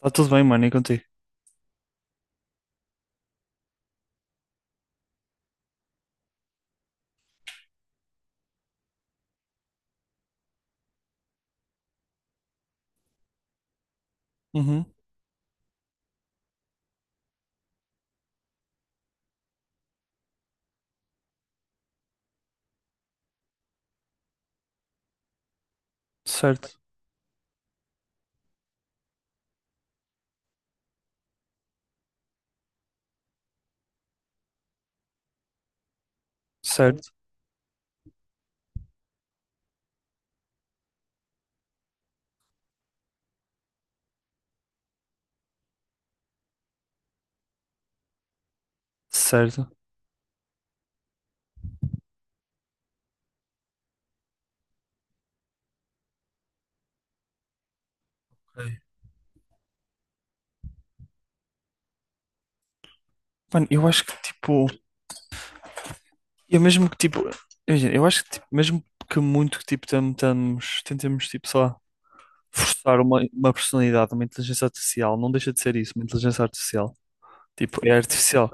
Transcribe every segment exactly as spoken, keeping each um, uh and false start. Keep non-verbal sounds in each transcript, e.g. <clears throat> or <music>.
Tá tudo bem, mano, e contigo? Uhum. Certo, certo, certo. Ok. Mano, eu acho que tipo, eu mesmo que tipo, imagina, eu acho que tipo, mesmo que muito que tipo tentamos, tentemos tipo só forçar uma, uma personalidade, uma inteligência artificial, não deixa de ser isso, uma inteligência artificial. Tipo, é artificial.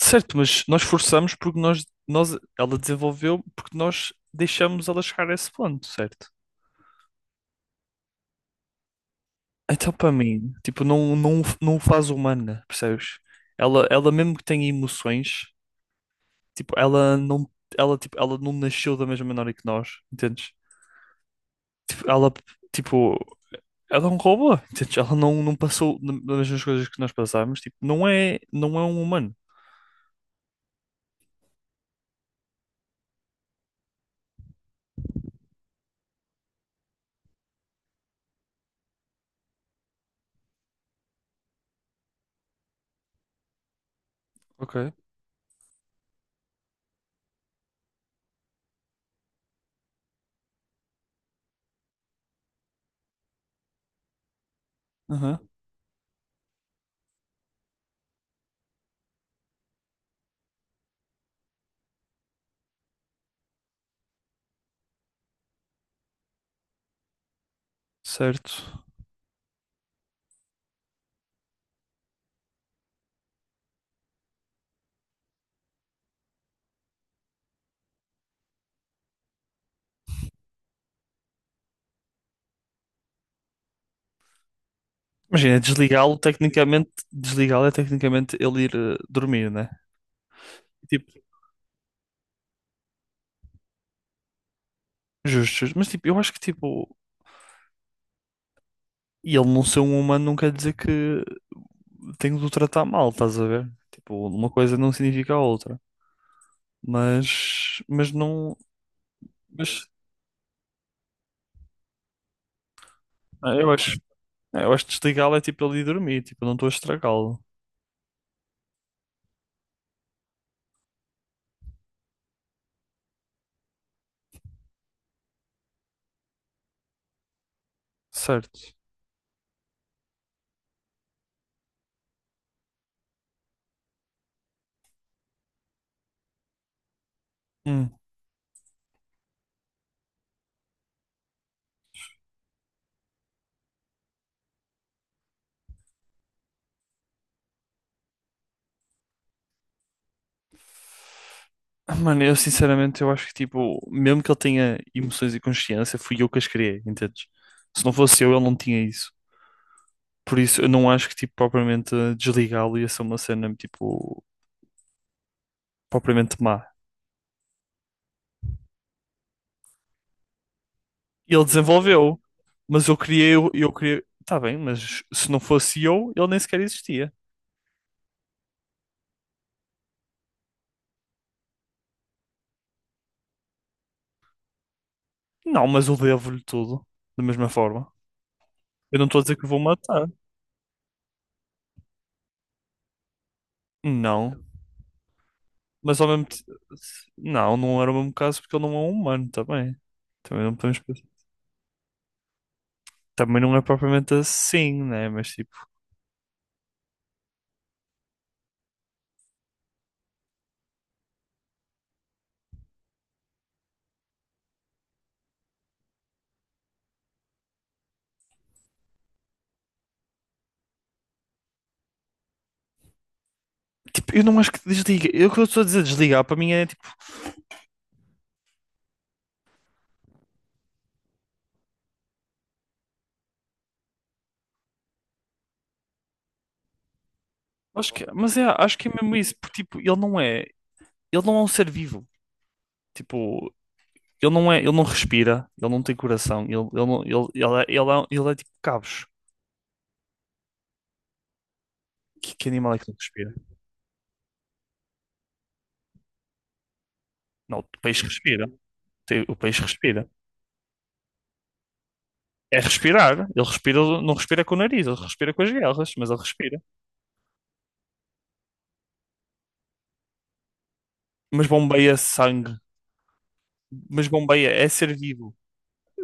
Certo, mas nós forçamos porque nós, nós, ela desenvolveu porque nós deixamos ela chegar a esse ponto, certo? Então, para mim, tipo, não, não, não o faz humana, percebes? Ela, ela mesmo que tenha emoções, tipo, ela não, ela, tipo, ela não nasceu da mesma maneira que nós, entendes? Tipo, ela, tipo, ela é um robô, entendes? Ela não, não passou das mesmas coisas que nós passámos, tipo, não é, não é um humano. Ok. Aham. Certo. Imagina, desligá-lo, tecnicamente, desligá-lo é tecnicamente ele ir eh, dormir, né? Tipo, justo, justo. Mas, tipo, eu acho que, tipo, e ele não ser um humano não quer dizer que tenho de o tratar mal, estás a ver? Tipo, uma coisa não significa a outra. Mas, mas não, mas ah, eu acho, ah, eu acho que desligá-lo é tipo ele ir dormir, tipo, eu não estou a estragá-lo, certo? Hum. <clears throat> Mano, eu sinceramente eu acho que tipo, mesmo que ele tenha emoções e consciência, fui eu que as criei, entendes? Se não fosse eu, ele não tinha isso. Por isso, eu não acho que tipo propriamente desligá-lo ia ser uma cena tipo propriamente má. E ele desenvolveu. Mas eu criei, o eu criei. Tá bem, mas se não fosse eu, ele nem sequer existia. Não, mas eu devo-lhe tudo. Da mesma forma. Eu não estou a dizer que o vou matar. Não. Mas ao mesmo tempo. Não, não era o mesmo caso porque ele não é um humano também. Também não podemos. Também não é propriamente assim, né? Mas tipo. Tipo, eu não acho que desliga. Eu o que eu estou a dizer desligar para mim é tipo. Acho que. é, Mas é, acho que é mesmo isso. Porque tipo, ele não é. Ele não é um ser vivo. Tipo. Ele não é, ele não respira, ele não tem coração, ele, ele, não- ele, ele, é, ele, é, um, ele é tipo cabos. Que, que animal é que não respira? Não, o peixe respira. Tem- O peixe respira. É respirar. Ele respira, não respira com o nariz, ele respira com as guerras, mas ele respira. Mas bombeia sangue. Mas bombeia, é ser vivo.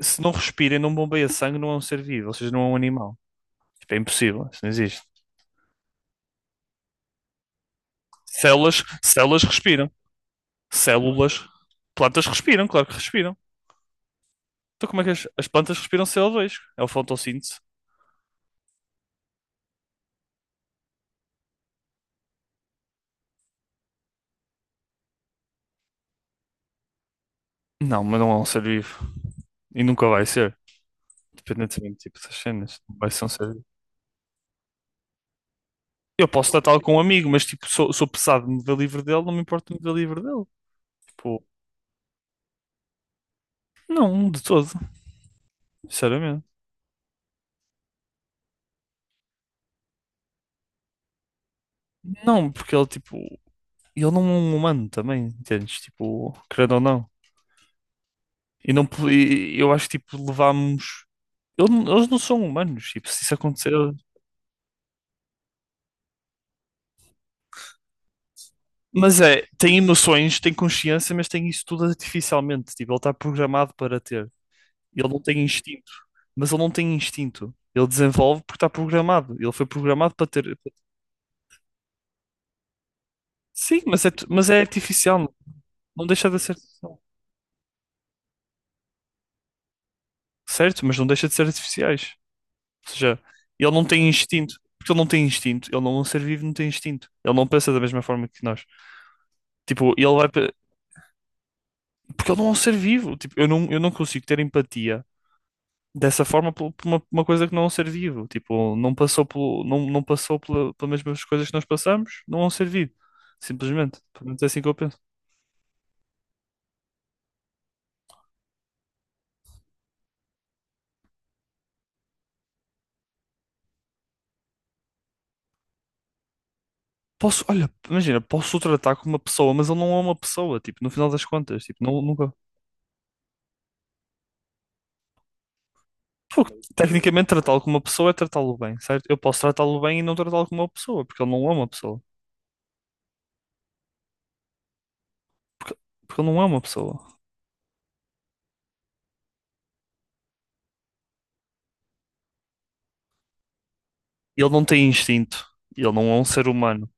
Se não respira e não bombeia sangue, não é um ser vivo, ou seja, não é um animal. Tipo, é impossível, isso não existe. Células, células respiram. Células, plantas respiram, claro que respiram. Então como é que as, as plantas respiram C O dois? É o fotossíntese. Não, mas não é um ser vivo. E nunca vai ser. Independentemente, tipo, essas cenas. Não vai ser um ser vivo. Eu posso tratá-lo com um amigo, mas, tipo, sou, sou pesado de me ver livre dele, não me importo de me ver livre dele. Tipo, não, de todo. Sinceramente. Não, porque ele, tipo, ele não é um humano também, entendes? Tipo, querendo ou não. E não, po- e eu acho que, tipo, levámos. Ele não- Eles não são humanos, tipo, se isso acontecer. Mas é, tem emoções, tem consciência, mas tem isso tudo artificialmente. Tipo, ele está programado para ter. Ele não tem instinto, mas ele não tem instinto. Ele desenvolve porque está programado. Ele foi programado para ter. Sim, mas é, tu- mas é artificial. Não deixa de ser artificial. Certo, mas não deixa de ser artificiais. Ou seja, ele não tem instinto. Porque ele não tem instinto. Ele não é um ser vivo, não tem instinto. Ele não pensa da mesma forma que nós. Tipo, ele vai. pe- Porque ele não é um ser vivo. Tipo, eu não, eu não consigo ter empatia dessa forma por por uma, uma coisa que não é um ser vivo. Tipo, não passou pelo, não, não passou pela, pelas mesmas coisas que nós passamos, não é um ser vivo. Simplesmente. Pelo menos é assim que eu penso. Posso, olha, imagina, posso o tratar como uma pessoa, mas ele não é uma pessoa, tipo, no final das contas, tipo, não, nunca. Pô, tecnicamente tratá-lo como uma pessoa é tratá-lo bem, certo? Eu posso tratá-lo bem e não tratá-lo como uma pessoa, porque ele não é uma pessoa. Porque, porque ele não é uma pessoa. Ele não tem instinto. Ele não é um ser humano.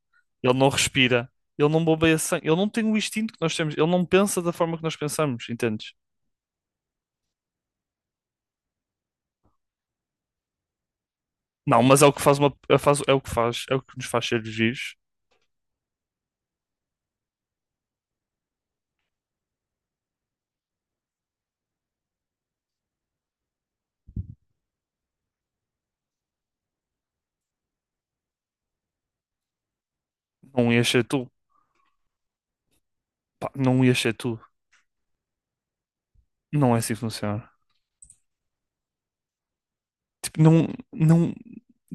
Ele não respira, ele não bombeia sangue, ele não tem o instinto que nós temos, ele não pensa da forma que nós pensamos, entendes? Não, mas é o que faz uma, é faz- é o que faz, é o que nos faz seres vivos. Não ia ser tu. Pá, não ia ser tu. Não é assim que funciona. Tipo, não, não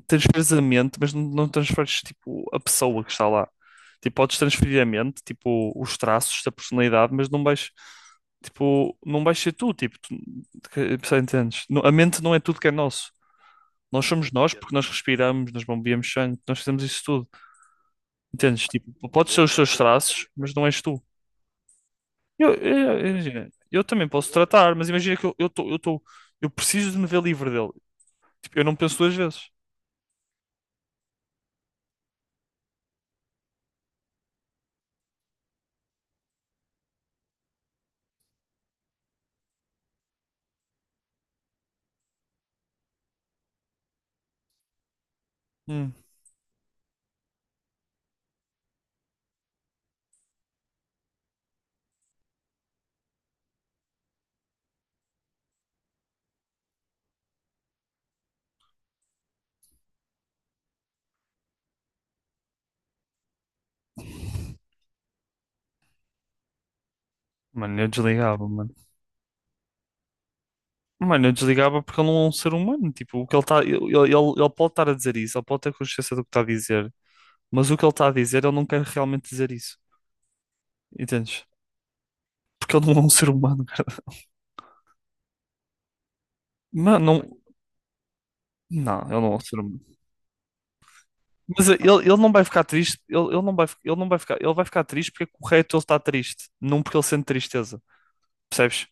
transferes a mente, mas não, não transferes tipo a pessoa que está lá. Tipo, podes transferir a mente, tipo os traços da personalidade, mas não vais. Tipo, não vais ser tu, tipo, tu, que- percebes, entendes? Não- A mente não é tudo que é nosso. Nós somos nós porque nós respiramos, nós bombeamos sangue, nós fazemos isso tudo. Entendes? Tipo, pode ser os teus traços, mas não és tu. Eu, eu, eu, eu também posso tratar, mas imagina que eu eu tô, eu tô, eu preciso de me ver livre dele. Tipo, eu não penso duas vezes. Hum. Mano, eu desligava, mano. Mano, eu desligava porque ele não é um ser humano. Tipo, o que ele está. Ele, ele, ele pode estar a dizer isso, ele pode ter consciência do que está a dizer, mas o que ele está a dizer, ele não quer realmente dizer isso. Entendes? Porque ele não é um ser humano, <laughs> cara. Mano, não. Não, ele não é um ser humano. Mas ele, ele não vai ficar triste, ele, ele não vai, ele não vai ficar, ele vai ficar triste porque é correto ele estar triste, não porque ele sente tristeza, percebes?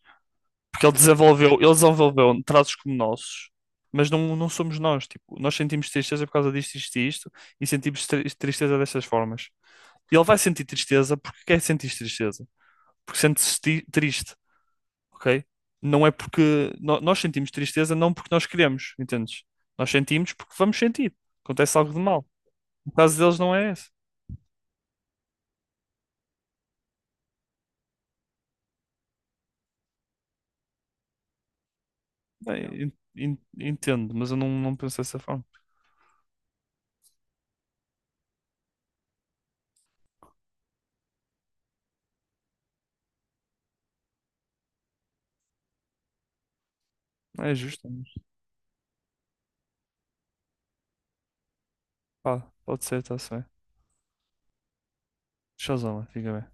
Porque ele desenvolveu, ele desenvolveu traços como nossos, mas não, não somos nós, tipo, nós sentimos tristeza por causa disto, isto e isto, e sentimos tri- tristeza destas formas. E ele vai sentir tristeza porque quer sentir tristeza, porque sente-se ti- triste, ok? Não é porque no- nós sentimos tristeza, não porque nós queremos, entendes? Nós sentimos porque vamos sentir, acontece algo de mal. O caso deles não é esse. Ah, en- en- Entendo, mas eu não, não penso dessa forma. Ah, é justo, é. Pá, pode ser, tá certo. Shazam, fica bem.